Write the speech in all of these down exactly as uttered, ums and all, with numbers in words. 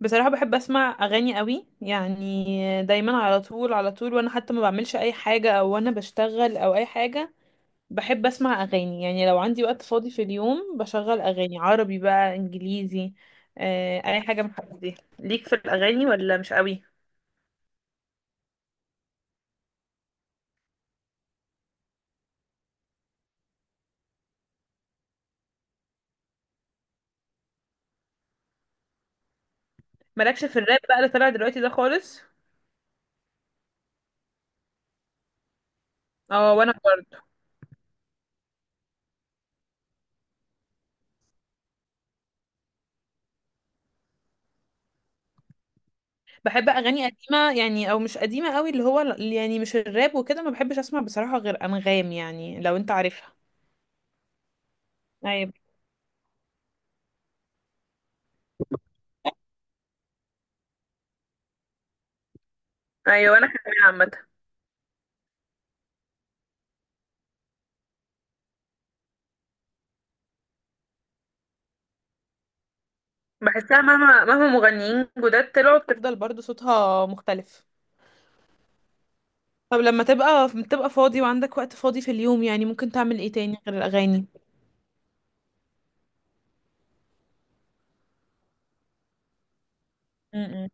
بصراحة بحب أسمع أغاني قوي، يعني دايما على طول على طول وأنا حتى ما بعملش أي حاجة أو أنا بشتغل أو أي حاجة. بحب أسمع أغاني يعني، لو عندي وقت فاضي في اليوم بشغل أغاني عربي بقى إنجليزي. آه، أي حاجة من الحاجات دي ليك في الأغاني ولا مش قوي؟ مالكش في الراب بقى اللي طالع دلوقتي ده خالص؟ اه، وانا برضه. بحب اغاني قديمه يعني، او مش قديمه قوي، اللي هو اللي يعني مش الراب وكده ما بحبش اسمع بصراحه غير انغام، يعني لو انت عارفها. ايوه، ايوه انا كمان عامه. بحسها مهما مهما مغنيين جداد طلعوا بتفضل برضو صوتها مختلف. طب لما تبقى تبقى فاضي وعندك وقت فاضي في اليوم، يعني ممكن تعمل ايه تاني غير الاغاني؟ م-م.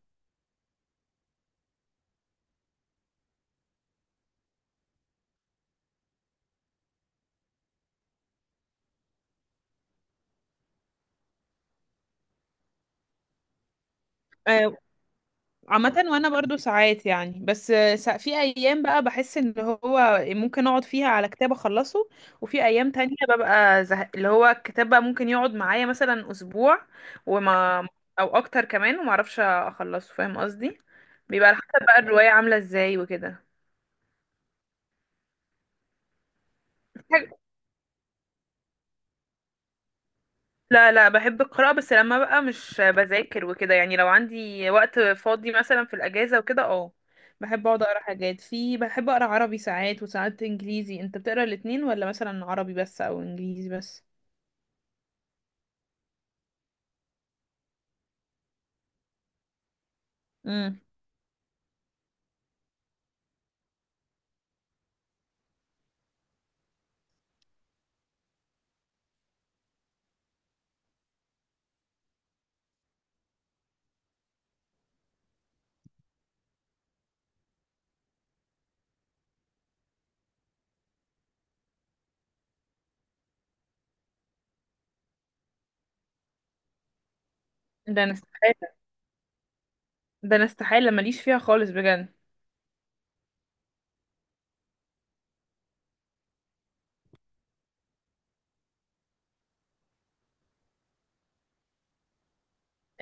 آه، عامة وانا برضو ساعات، يعني بس آه، سا- في ايام بقى بحس ان هو ممكن اقعد فيها على كتاب اخلصه، وفي ايام تانية ببقى زهق، اللي هو الكتاب بقى ممكن يقعد معايا مثلا اسبوع وما او اكتر كمان، وما اعرفش اخلصه، فاهم قصدي؟ بيبقى على حسب بقى الرواية عاملة ازاي وكده. لا لا، بحب القراءة، بس لما بقى مش بذاكر وكده، يعني لو عندي وقت فاضي مثلا في الأجازة وكده اه، بحب اقعد اقرا حاجات في، بحب اقرا عربي ساعات وساعات انجليزي. انت بتقرا الاتنين ولا مثلا عربي بس او انجليزي بس؟ امم. ده انا استحالة. ده انا استحالة ماليش فيها خالص بجد.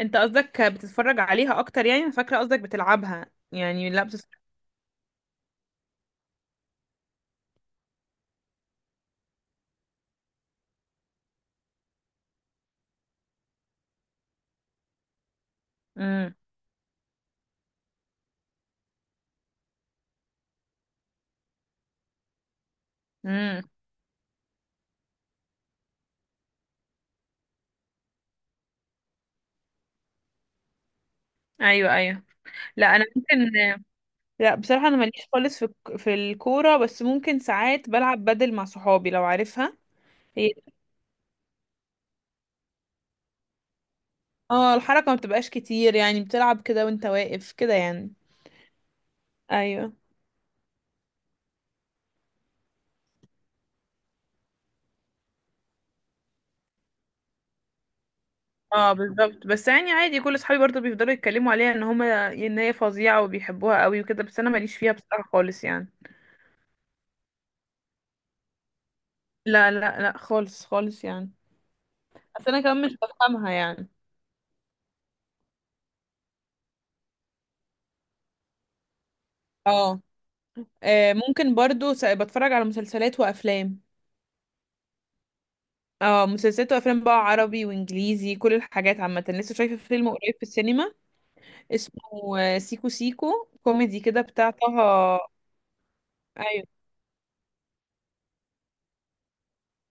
انت قصدك بتتفرج عليها اكتر؟ يعني انا فاكرة قصدك بتلعبها، يعني لا بتتفرج. امم. امم. ايوه، ايوه. لا انا ممكن. لا بصراحة أنا ماليش خالص في الك- في الكورة، بس ممكن ساعات بلعب بدل مع صحابي لو عارفها. هي اه الحركة ما بتبقاش كتير، يعني بتلعب كده وانت واقف كده يعني. ايوه. اه بالظبط، بس يعني عادي كل صحابي برضه بيفضلوا يتكلموا عليها ان هما ان هي فظيعة وبيحبوها قوي وكده، بس انا ماليش فيها بصراحة خالص يعني. لا لا لا، خالص خالص يعني. بس انا كمان مش بفهمها يعني. اه. آه، ممكن برضو س- بتفرج على مسلسلات وافلام. اه، مسلسلات وافلام بقى عربي وانجليزي كل الحاجات عامه. لسه شايفه فيلم قريب في السينما اسمه آه، سيكو سيكو، كوميدي كده بتاع طه. ايوه.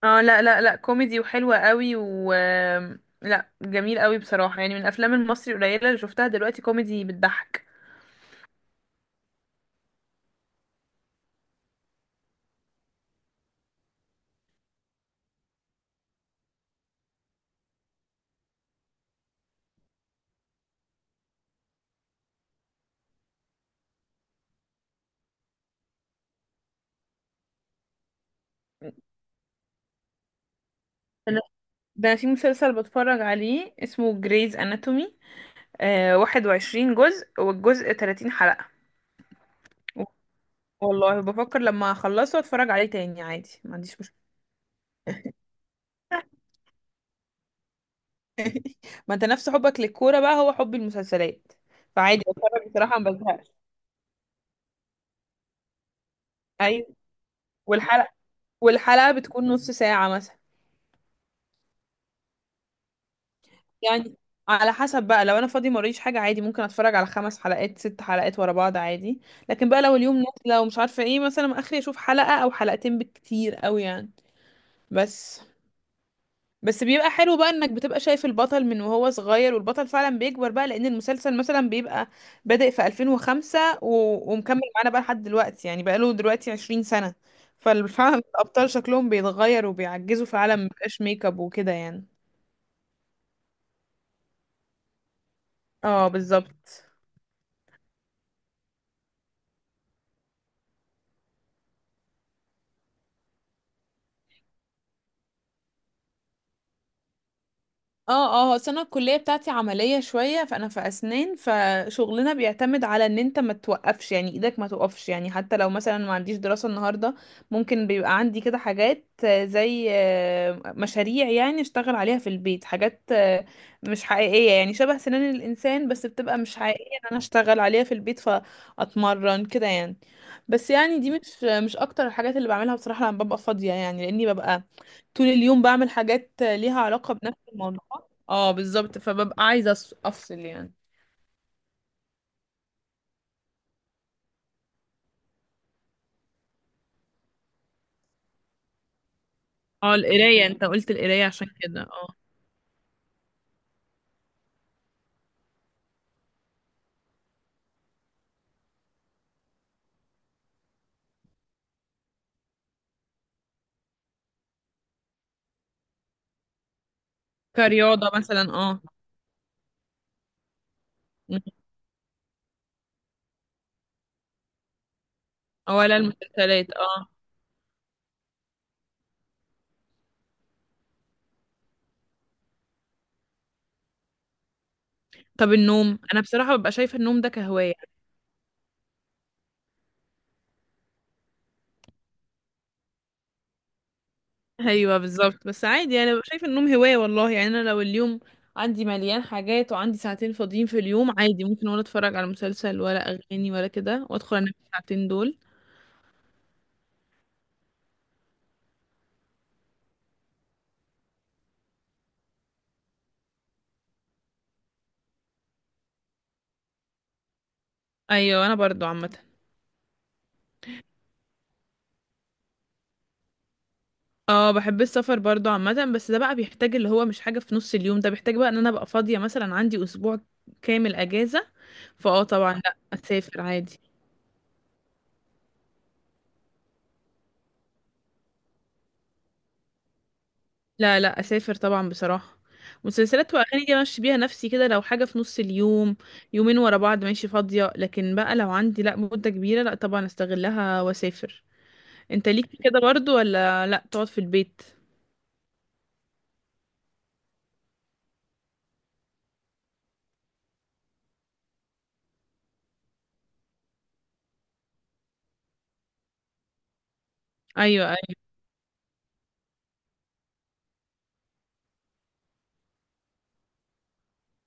اه، لا لا لا كوميدي وحلوه قوي و آم، لا جميل قوي بصراحه، يعني من الافلام المصري القليله اللي شفتها دلوقتي كوميدي بتضحك. انا، ده أنا في مسلسل بتفرج عليه اسمه جريز اناتومي، آه واحد وعشرين جزء والجزء ثلاثون حلقه. والله بفكر لما اخلصه اتفرج عليه تاني عادي، ما عنديش مشكله. ما انت نفس حبك للكورة بقى هو حب المسلسلات. فعادي بتفرج بصراحة، ما بزهقش. ايوه. والحلقة والحلقة بتكون نص ساعة مثلا. يعني على حسب بقى، لو انا فاضي موريش حاجة عادي ممكن اتفرج على خمس حلقات ست حلقات ورا بعض عادي، لكن بقى لو اليوم نازلة ومش عارفة ايه مثلا، اخري اشوف حلقة او حلقتين بالكتير قوي يعني. بس بس بيبقى حلو بقى انك بتبقى شايف البطل من وهو صغير، والبطل فعلا بيكبر بقى لان المسلسل مثلا بيبقى بادئ في ألفين وخمسة و... ومكمل معانا بقى لحد دلوقتي، يعني بقى له دلوقتي عشرين سنة. ففعلا الابطال شكلهم بيتغير وبيعجزوا فعلا، مبقاش ميك اب وكده يعني. اه بالظبط. اه، اه السنة الكلية بتاعتي عملية شوية، فأنا في أسنان فشغلنا بيعتمد على إن أنت ما توقفش، يعني إيدك ما توقفش، يعني حتى لو مثلا ما عنديش دراسة النهاردة ممكن بيبقى عندي كده حاجات آه، زي آه، مشاريع، يعني أشتغل عليها في البيت، حاجات آه، مش حقيقية يعني، شبه سنان الإنسان بس بتبقى مش حقيقية، إن أنا أشتغل عليها في البيت فأتمرن كده يعني. بس يعني دي مش مش أكتر الحاجات اللي بعملها بصراحة لما ببقى فاضية، يعني لأني ببقى طول اليوم بعمل حاجات ليها علاقة بنفس الموضوع، اه بالظبط، فببقى عايزة أص- أفصل يعني. اه القراية، انت قلت القراية عشان كده اه. كرياضة مثلا اه. مم. ولا المسلسلات اه. طب النوم، انا بصراحة ببقى شايفة النوم ده كهواية. ايوه بالظبط، بس عادي يعني ببقى شايفة النوم هواية والله، يعني انا لو اليوم عندي مليان حاجات وعندي ساعتين فاضيين في اليوم عادي ممكن، ولا اتفرج على مسلسل ولا اغاني ولا كده، وادخل انام في الساعتين دول. ايوه انا برضو عامة. اه بحب السفر برضو عامة، بس ده بقى بيحتاج، اللي هو مش حاجة في نص اليوم، ده بيحتاج بقى ان انا ابقى فاضية مثلا عندي اسبوع كامل اجازة، فاه طبعا لا اسافر عادي. لا لا اسافر طبعا بصراحة، مسلسلات واغاني دي ماشي بيها نفسي كده لو حاجة في نص اليوم، يومين ورا بعض ماشي فاضية، لكن بقى لو عندي، لا مدة كبيرة لا طبعا استغلها واسافر. انت ليك في كده برضو ولا لا تقعد في البيت؟ ايوه.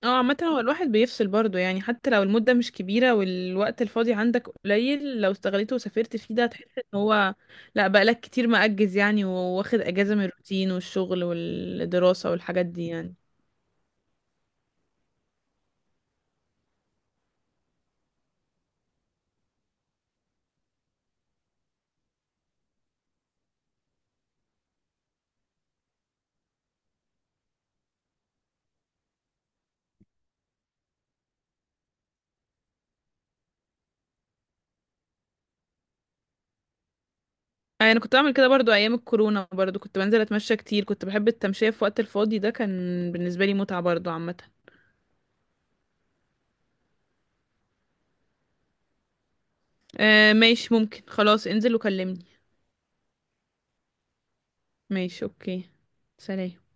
اه عامة هو الواحد بيفصل برضه، يعني حتى لو المدة مش كبيرة والوقت الفاضي عندك قليل لو استغليته وسافرت فيه ده هتحس ان هو لا بقالك كتير مأجز يعني، وواخد اجازة من الروتين والشغل والدراسة والحاجات دي يعني. يعني انا كنت بعمل كده برضه ايام الكورونا، برضه كنت بنزل اتمشى كتير، كنت بحب التمشية في وقت الفاضي ده، كان بالنسبة لي متعة برضه عامة. آه ماشي، ممكن خلاص انزل وكلمني. ماشي اوكي. سلام.